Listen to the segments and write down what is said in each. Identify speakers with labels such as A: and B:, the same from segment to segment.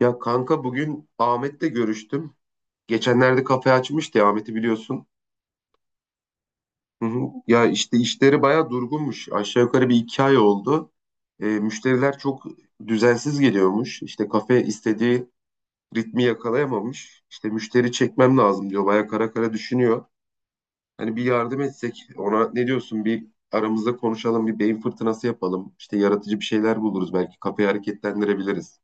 A: Ya kanka bugün Ahmet'le görüştüm. Geçenlerde kafe açmıştı ya, Ahmet'i biliyorsun. Hı hı. Ya işte işleri bayağı durgunmuş. Aşağı yukarı bir iki ay oldu. Müşteriler çok düzensiz geliyormuş. İşte kafe istediği ritmi yakalayamamış. İşte müşteri çekmem lazım diyor. Bayağı kara kara düşünüyor. Hani bir yardım etsek ona ne diyorsun, bir aramızda konuşalım, bir beyin fırtınası yapalım. İşte yaratıcı bir şeyler buluruz, belki kafeyi hareketlendirebiliriz.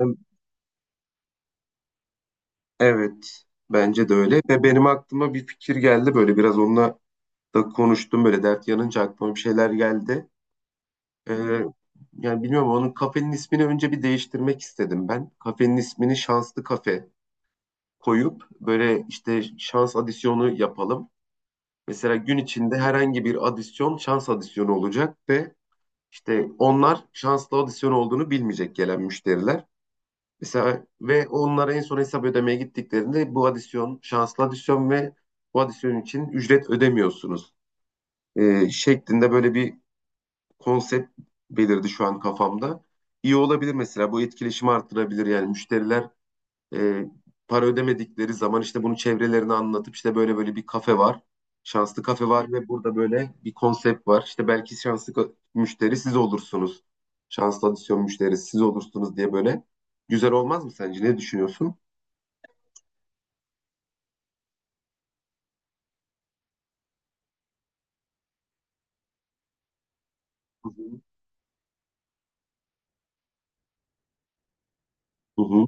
A: Hı? Evet, bence de öyle. Ve benim aklıma bir fikir geldi, böyle biraz onunla da konuştum, böyle dert yanınca aklıma bir şeyler geldi. Ee, yani bilmiyorum, onun kafenin ismini önce bir değiştirmek istedim ben. Kafenin ismini Şanslı Kafe koyup böyle işte şans adisyonu yapalım. Mesela gün içinde herhangi bir adisyon şans adisyonu olacak ve işte onlar şanslı adisyon olduğunu bilmeyecek, gelen müşteriler. Mesela ve onlara en son hesap ödemeye gittiklerinde bu adisyon şanslı adisyon ve bu adisyon için ücret ödemiyorsunuz şeklinde böyle bir konsept belirdi şu an kafamda. İyi olabilir mesela, bu etkileşimi arttırabilir, yani müşteriler e, para ödemedikleri zaman işte bunu çevrelerine anlatıp, işte böyle böyle bir kafe var. Şanslı kafe var ve burada böyle bir konsept var. İşte belki şanslı müşteri siz olursunuz. Şanslı adisyon müşterisi siz olursunuz diye böyle, güzel olmaz mı sence? Ne düşünüyorsun? Hı hı hı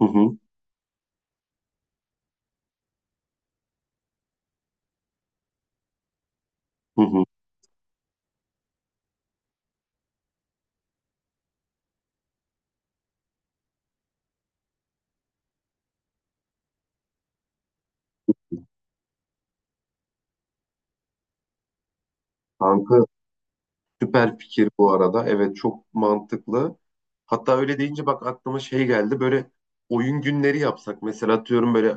A: hı hı. Hı hı. Hı. Kanka süper fikir bu arada. Evet, çok mantıklı. Hatta öyle deyince bak aklıma şey geldi. Böyle oyun günleri yapsak mesela, atıyorum böyle,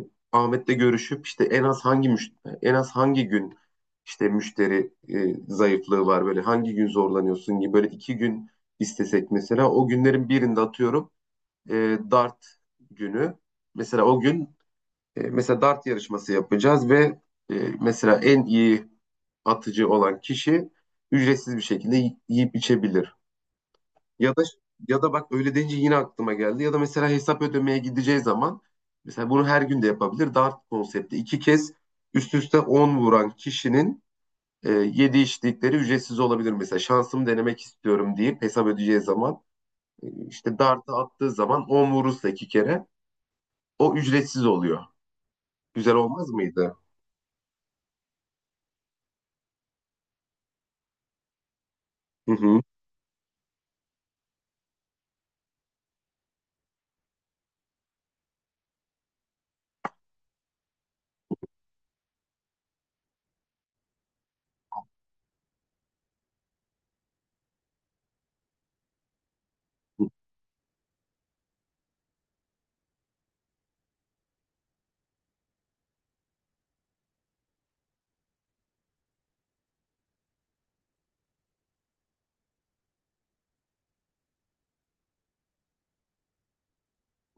A: e, Ahmet'le görüşüp, işte en az hangi müşteri, en az hangi gün, işte müşteri zayıflığı var, böyle hangi gün zorlanıyorsun gibi, böyle iki gün istesek mesela o günlerin birinde atıyorum e, dart günü. Mesela o gün, E, mesela dart yarışması yapacağız ve e, mesela en iyi atıcı olan kişi ücretsiz bir şekilde yiyip içebilir. Ya da, ya da bak öyle deyince yine aklıma geldi. Ya da mesela hesap ödemeye gideceği zaman, mesela bunu her gün de yapabilir. Dart konsepti, iki kez üst üste 10 vuran kişinin yedi içtikleri ücretsiz olabilir. Mesela şansımı denemek istiyorum deyip hesap ödeyeceği zaman işte dartı attığı zaman 10 vurursa iki kere o ücretsiz oluyor. Güzel olmaz mıydı? Hı hı.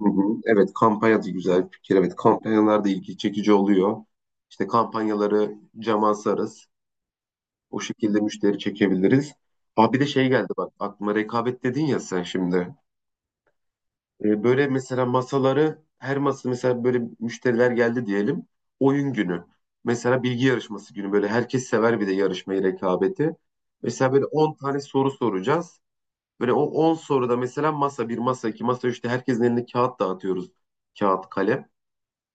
A: Hı hı. Evet, kampanya da güzel bir fikir. Evet, kampanyalar da ilgi çekici oluyor. İşte kampanyaları cama asarız. O şekilde müşteri çekebiliriz. Aa, bir de şey geldi bak aklıma, rekabet dedin ya sen şimdi. Böyle mesela masaları, her masa mesela, böyle müşteriler geldi diyelim. Oyun günü. Mesela bilgi yarışması günü, böyle herkes sever bir de yarışmayı, rekabeti. Mesela böyle 10 tane soru soracağız. Böyle o 10 soruda mesela masa bir, masa iki, masa üçte herkesin eline kağıt dağıtıyoruz. Kağıt, kalem.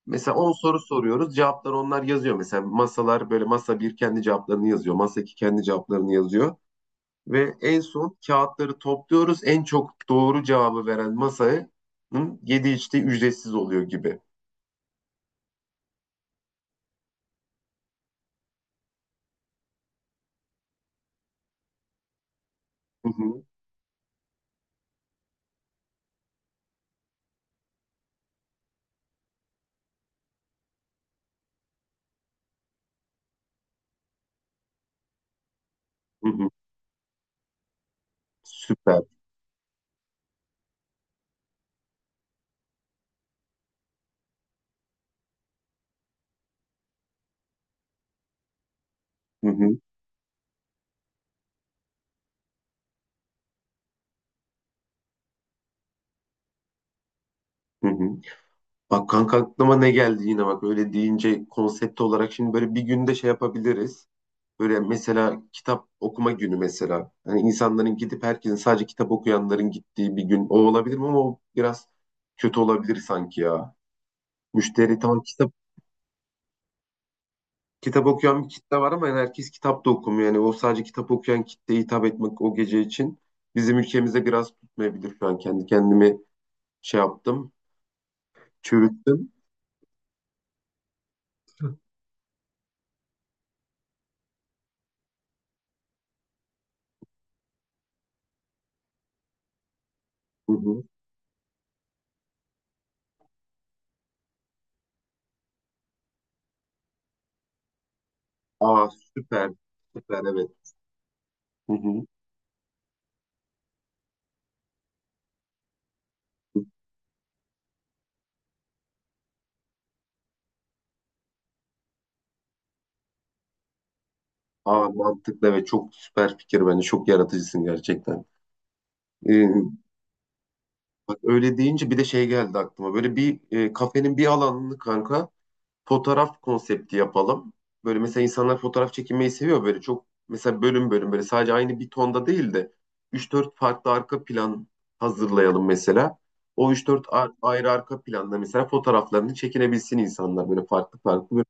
A: Mesela 10 soru soruyoruz. Cevapları onlar yazıyor. Mesela masalar, böyle masa bir kendi cevaplarını yazıyor, masa 2 kendi cevaplarını yazıyor. Ve en son kağıtları topluyoruz. En çok doğru cevabı veren masaya yedi içtiği ücretsiz oluyor gibi. Hı hı, hı hı. Süper. Hı hı, hı hı. Bak kanka aklıma ne geldi yine, bak öyle deyince konsept olarak şimdi böyle bir günde şey yapabiliriz. Böyle mesela kitap okuma günü mesela. Hani insanların gidip, herkesin sadece kitap okuyanların gittiği bir gün, o olabilir mi? Ama o biraz kötü olabilir sanki ya. Müşteri tam kitap okuyan bir kitle var ama yani herkes kitap da okumuyor. Yani o sadece kitap okuyan kitleye hitap etmek o gece için bizim ülkemize biraz tutmayabilir şu an. Kendi kendimi şey yaptım, çürüttüm. Hı hı. Aa süper, süper evet. Hı hı. Aa mantıklı, evet, çok süper fikir bence. Çok yaratıcısın gerçekten. Ee, Bak öyle deyince bir de şey geldi aklıma. Böyle bir kafenin bir alanını kanka fotoğraf konsepti yapalım. Böyle mesela insanlar fotoğraf çekinmeyi seviyor böyle çok, mesela bölüm bölüm, böyle sadece aynı bir tonda değil de 3-4 farklı arka plan hazırlayalım mesela. O üç dört ayrı arka planda mesela fotoğraflarını çekinebilsin insanlar, böyle farklı farklı.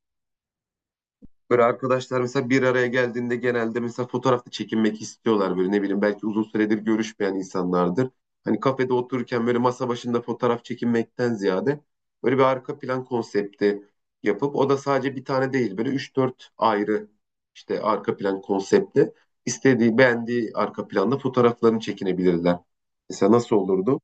A: Böyle arkadaşlar mesela bir araya geldiğinde genelde mesela fotoğrafta çekinmek istiyorlar, böyle ne bileyim, belki uzun süredir görüşmeyen insanlardır. Hani kafede otururken böyle masa başında fotoğraf çekinmekten ziyade böyle bir arka plan konsepti yapıp, o da sadece bir tane değil böyle üç dört ayrı işte arka plan konsepti, istediği beğendiği arka planda fotoğraflarını çekinebilirler. Mesela nasıl olurdu?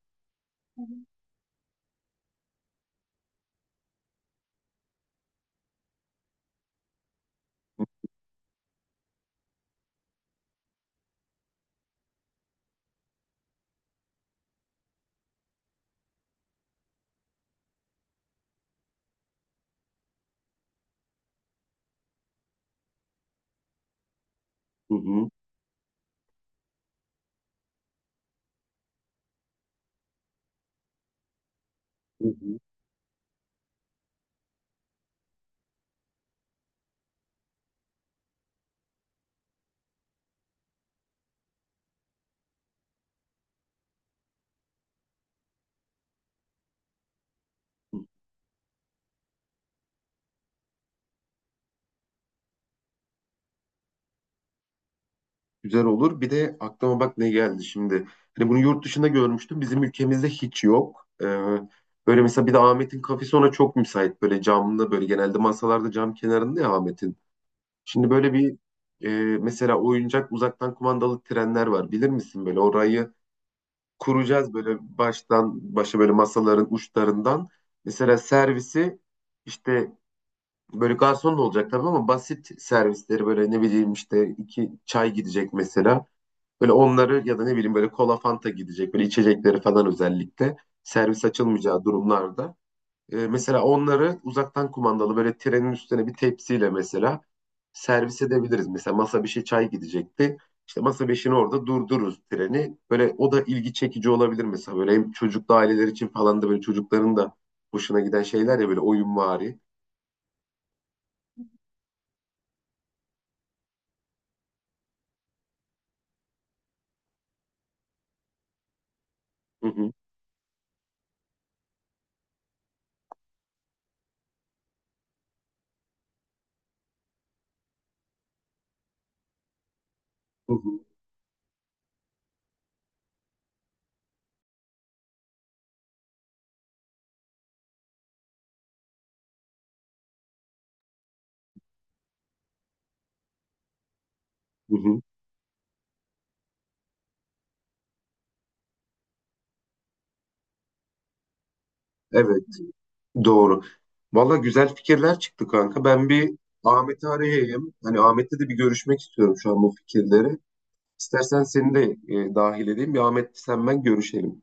A: Hı hı. Hı hı. Güzel olur. Bir de aklıma bak ne geldi şimdi. Hani bunu yurt dışında görmüştüm. Bizim ülkemizde hiç yok. Böyle mesela bir de Ahmet'in kafesi ona çok müsait. Böyle camlı, böyle genelde masalarda cam kenarında ya Ahmet'in. Şimdi böyle bir e, mesela oyuncak uzaktan kumandalı trenler var. Bilir misin? Böyle orayı kuracağız böyle baştan başa böyle masaların uçlarından. Mesela servisi işte böyle garson da olacak tabii ama basit servisleri böyle ne bileyim, işte iki çay gidecek mesela. Böyle onları, ya da ne bileyim, böyle kola fanta gidecek, böyle içecekleri falan, özellikle servis açılmayacağı durumlarda. Mesela onları uzaktan kumandalı böyle trenin üstüne bir tepsiyle mesela servis edebiliriz. Mesela masa bir şey çay gidecekti. İşte masa beşini orada durdururuz treni. Böyle o da ilgi çekici olabilir mesela. Böyle hem çocuklu aileler için falan da, böyle çocukların da hoşuna giden şeyler ya, böyle oyunvari. Hı hı. Hı hı. Hı hı. Evet. Doğru. Valla güzel fikirler çıktı kanka. Ben bir Ahmet'i arayayım. Hani Ahmet'le de bir görüşmek istiyorum şu an bu fikirleri. İstersen seni de dahil edeyim. Bir Ahmet, sen, ben görüşelim.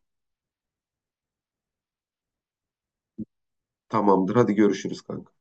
A: Tamamdır. Hadi görüşürüz kanka.